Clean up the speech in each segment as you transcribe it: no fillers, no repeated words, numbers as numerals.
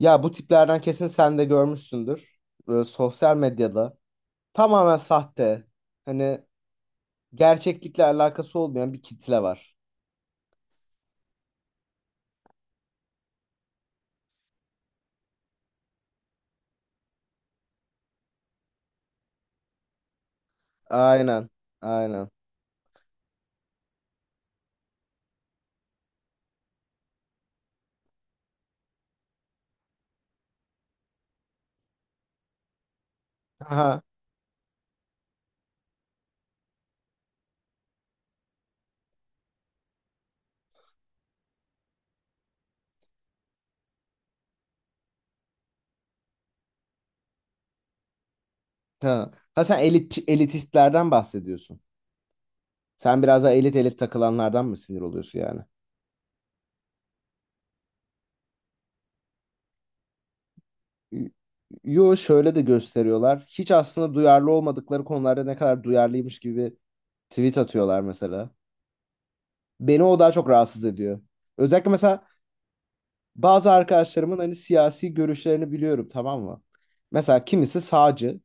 Ya bu tiplerden kesin sen de görmüşsündür. Böyle sosyal medyada tamamen sahte. Hani gerçeklikle alakası olmayan bir kitle var. Aynen. Aynen. Aha. Ha. Ha sen elit, elitistlerden bahsediyorsun. Sen biraz daha elit elit takılanlardan mı sinir oluyorsun yani? Y- Yo, şöyle de gösteriyorlar. Hiç aslında duyarlı olmadıkları konularda ne kadar duyarlıymış gibi tweet atıyorlar mesela. Beni o daha çok rahatsız ediyor. Özellikle mesela bazı arkadaşlarımın hani siyasi görüşlerini biliyorum, tamam mı? Mesela kimisi sağcı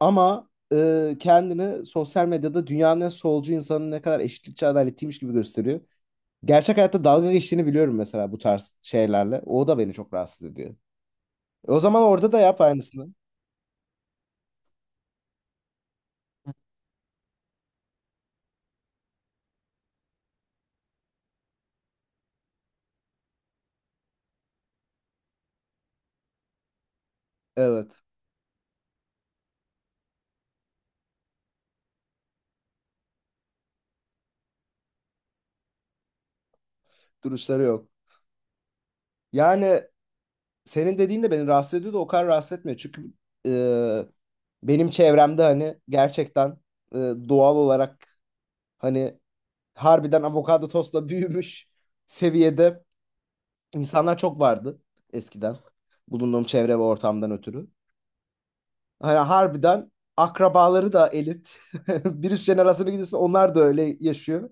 ama kendini sosyal medyada dünyanın en solcu insanın ne kadar eşitlikçi adaletliymiş gibi gösteriyor. Gerçek hayatta dalga geçtiğini biliyorum mesela bu tarz şeylerle. O da beni çok rahatsız ediyor. O zaman orada da yap aynısını. Evet. Duruşları yok. Yani senin dediğin de beni rahatsız ediyor da o kadar rahatsız etmiyor. Çünkü e, benim çevremde hani gerçekten e, doğal olarak hani harbiden avokado tostla büyümüş seviyede insanlar çok vardı eskiden. Bulunduğum çevre ve ortamdan ötürü. Hani harbiden akrabaları da elit. Bir üst jenerasyona gidiyorsun, onlar da öyle yaşıyor.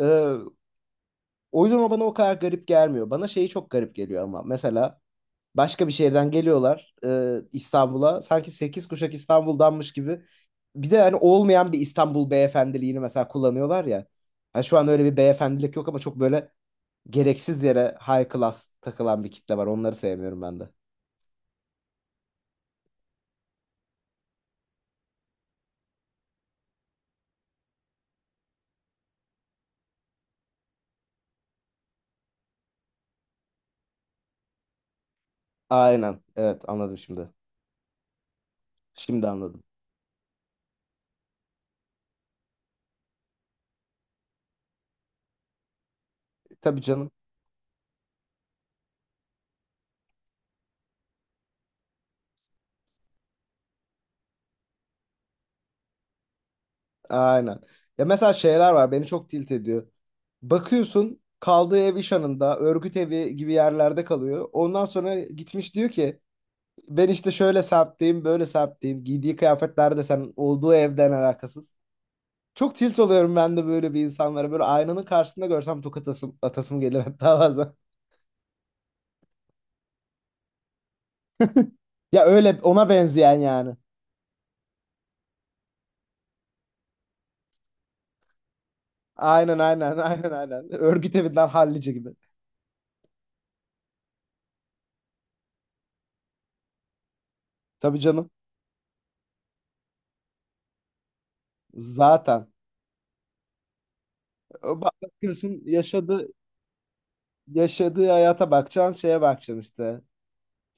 Ee, O yüzden o bana o kadar garip gelmiyor. Bana şeyi çok garip geliyor ama. Mesela başka bir şehirden geliyorlar İstanbul'a. Sanki 8 kuşak İstanbul'danmış gibi. Bir de hani olmayan bir İstanbul beyefendiliğini mesela kullanıyorlar ya. Ha, şu an öyle bir beyefendilik yok ama çok böyle gereksiz yere high class takılan bir kitle var. Onları sevmiyorum ben de. Aynen. Evet, anladım şimdi. Şimdi anladım. Tabii canım. Aynen. Ya mesela şeyler var, beni çok tilt ediyor. Bakıyorsun kaldığı ev iş anında örgüt evi gibi yerlerde kalıyor. Ondan sonra gitmiş diyor ki ben işte şöyle semtteyim, böyle semtteyim. Giydiği kıyafetler de sen olduğu evden alakasız. Çok tilt oluyorum ben de böyle bir insanlara. Böyle aynanın karşısında görsem tokat atasım gelir hatta bazen. Ya öyle ona benzeyen yani. Aynen aynen aynen aynen. Örgüt evinden hallice gibi. Tabii canım. Zaten. Bakıyorsun yaşadığı hayata bakacaksın, şeye bakacaksın işte.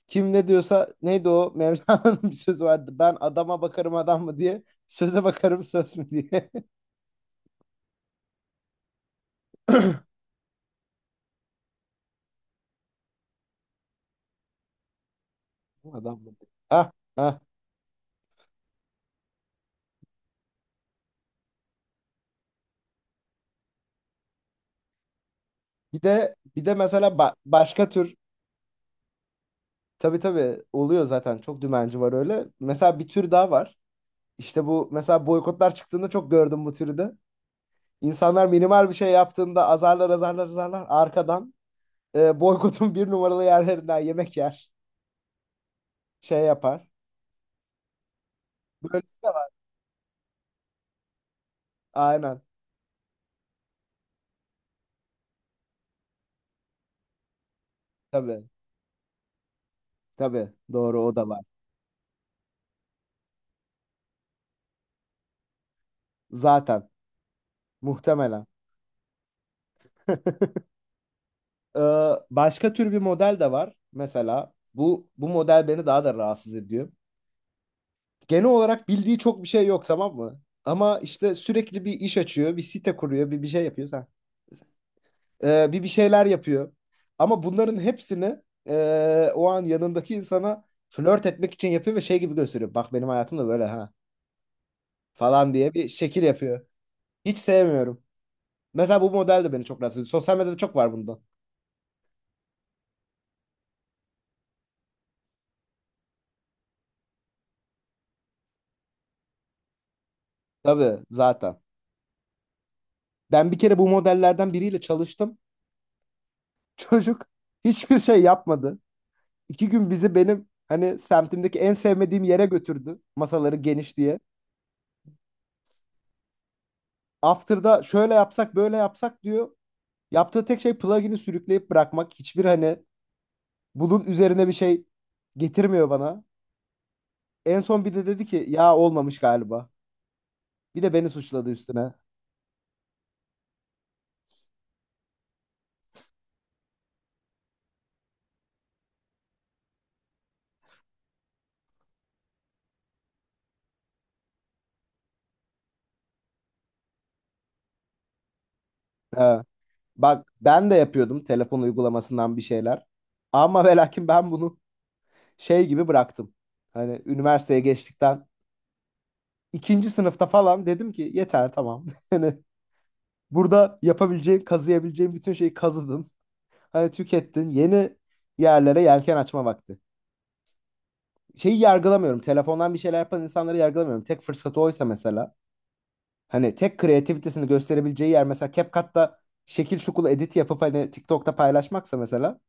Kim ne diyorsa neydi, o Mevlana'nın bir sözü vardı. Ben adama bakarım adam mı diye, söze bakarım söz mü diye. Adam mı? Ah ah. Bir de mesela başka tür tabii tabii oluyor zaten, çok dümenci var öyle. Mesela bir tür daha var. İşte bu, mesela boykotlar çıktığında çok gördüm bu türü de. İnsanlar minimal bir şey yaptığında azarlar arkadan boykotun bir numaralı yerlerinden yemek yer, şey yapar. Böylesi de var. Aynen. Tabii. Tabii. Doğru, o da var. Zaten. Muhtemelen. Ee, Başka tür bir model de var. Mesela bu model beni daha da rahatsız ediyor. Genel olarak bildiği çok bir şey yok, tamam mı? Ama işte sürekli bir iş açıyor, bir site kuruyor, bir şey yapıyor. Ha. Bir şeyler yapıyor. Ama bunların hepsini o an yanındaki insana flört etmek için yapıyor ve şey gibi gösteriyor. Bak benim hayatım da böyle ha falan diye bir şekil yapıyor. Hiç sevmiyorum. Mesela bu model de beni çok rahatsız ediyor. Sosyal medyada çok var bundan. Tabii zaten. Ben bir kere bu modellerden biriyle çalıştım. Çocuk hiçbir şey yapmadı. İki gün bizi benim hani semtimdeki en sevmediğim yere götürdü. Masaları geniş diye. After'da şöyle yapsak böyle yapsak diyor. Yaptığı tek şey plugin'i sürükleyip bırakmak. Hiçbir hani bunun üzerine bir şey getirmiyor bana. En son bir de dedi ki ya olmamış galiba. Bir de beni suçladı üstüne. Ha. Bak ben de yapıyordum telefon uygulamasından bir şeyler. Ama ve lakin ben bunu şey gibi bıraktım. Hani üniversiteye geçtikten ikinci sınıfta falan dedim ki yeter tamam. Hani burada yapabileceğin, kazıyabileceğin bütün şeyi kazıdın. Hani tükettin. Yeni yerlere yelken açma vakti. Şeyi yargılamıyorum. Telefondan bir şeyler yapan insanları yargılamıyorum. Tek fırsatı oysa mesela. Hani tek kreativitesini gösterebileceği yer mesela CapCut'ta şekil şukul edit yapıp hani TikTok'ta paylaşmaksa mesela.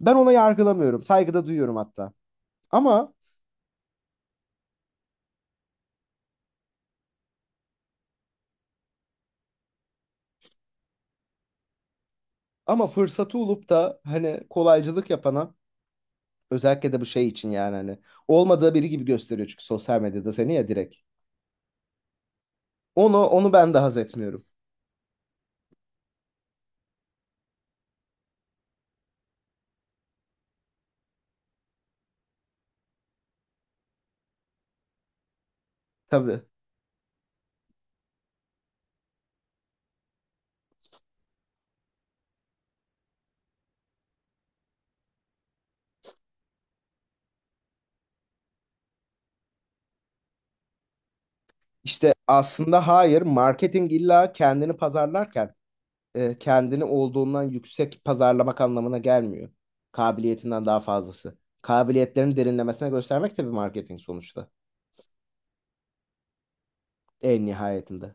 Ben ona yargılamıyorum. Saygıda duyuyorum hatta. Ama ama fırsatı olup da hani kolaycılık yapana, özellikle de bu şey için, yani hani olmadığı biri gibi gösteriyor çünkü sosyal medyada seni ya direkt. Onu ben de haz etmiyorum. Tabii. İşte aslında hayır, marketing illa kendini pazarlarken kendini olduğundan yüksek pazarlamak anlamına gelmiyor. Kabiliyetinden daha fazlası. Kabiliyetlerini derinlemesine göstermek de bir marketing sonuçta. En nihayetinde.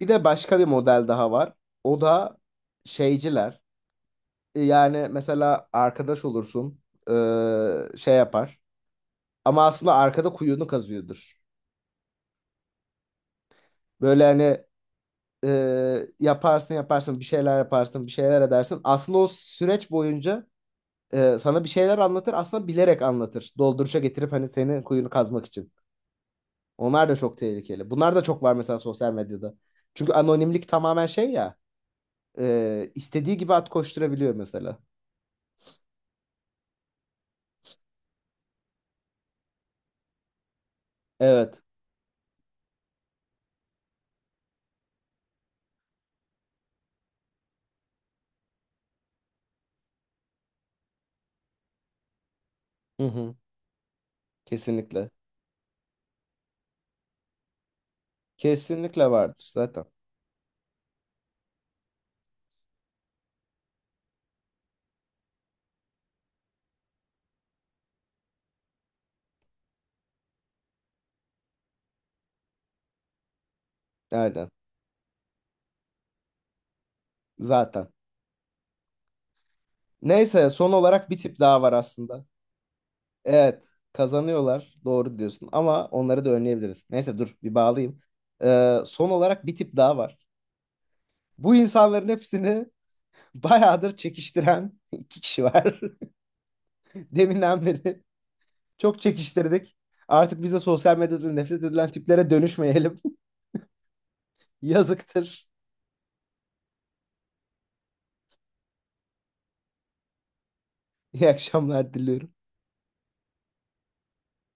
Bir de başka bir model daha var. O da şeyciler. Yani mesela arkadaş olursun, şey yapar. Ama aslında arkada kuyunu kazıyordur. Böyle hani yaparsın bir şeyler yaparsın, bir şeyler edersin. Aslında o süreç boyunca sana bir şeyler anlatır, aslında bilerek anlatır. Dolduruşa getirip hani senin kuyunu kazmak için. Onlar da çok tehlikeli. Bunlar da çok var mesela sosyal medyada. Çünkü anonimlik tamamen şey ya, istediği gibi at koşturabiliyor mesela. Evet. Hı hı. Kesinlikle. Kesinlikle vardır zaten. Aynen. Zaten. Neyse, son olarak bir tip daha var aslında. Evet, kazanıyorlar. Doğru diyorsun. Ama onları da önleyebiliriz. Neyse dur bir bağlayayım. Son olarak bir tip daha var. Bu insanların hepsini bayağıdır çekiştiren iki kişi var. Deminden beri çok çekiştirdik. Artık bize sosyal medyada nefret edilen tiplere dönüşmeyelim. Yazıktır. İyi akşamlar diliyorum.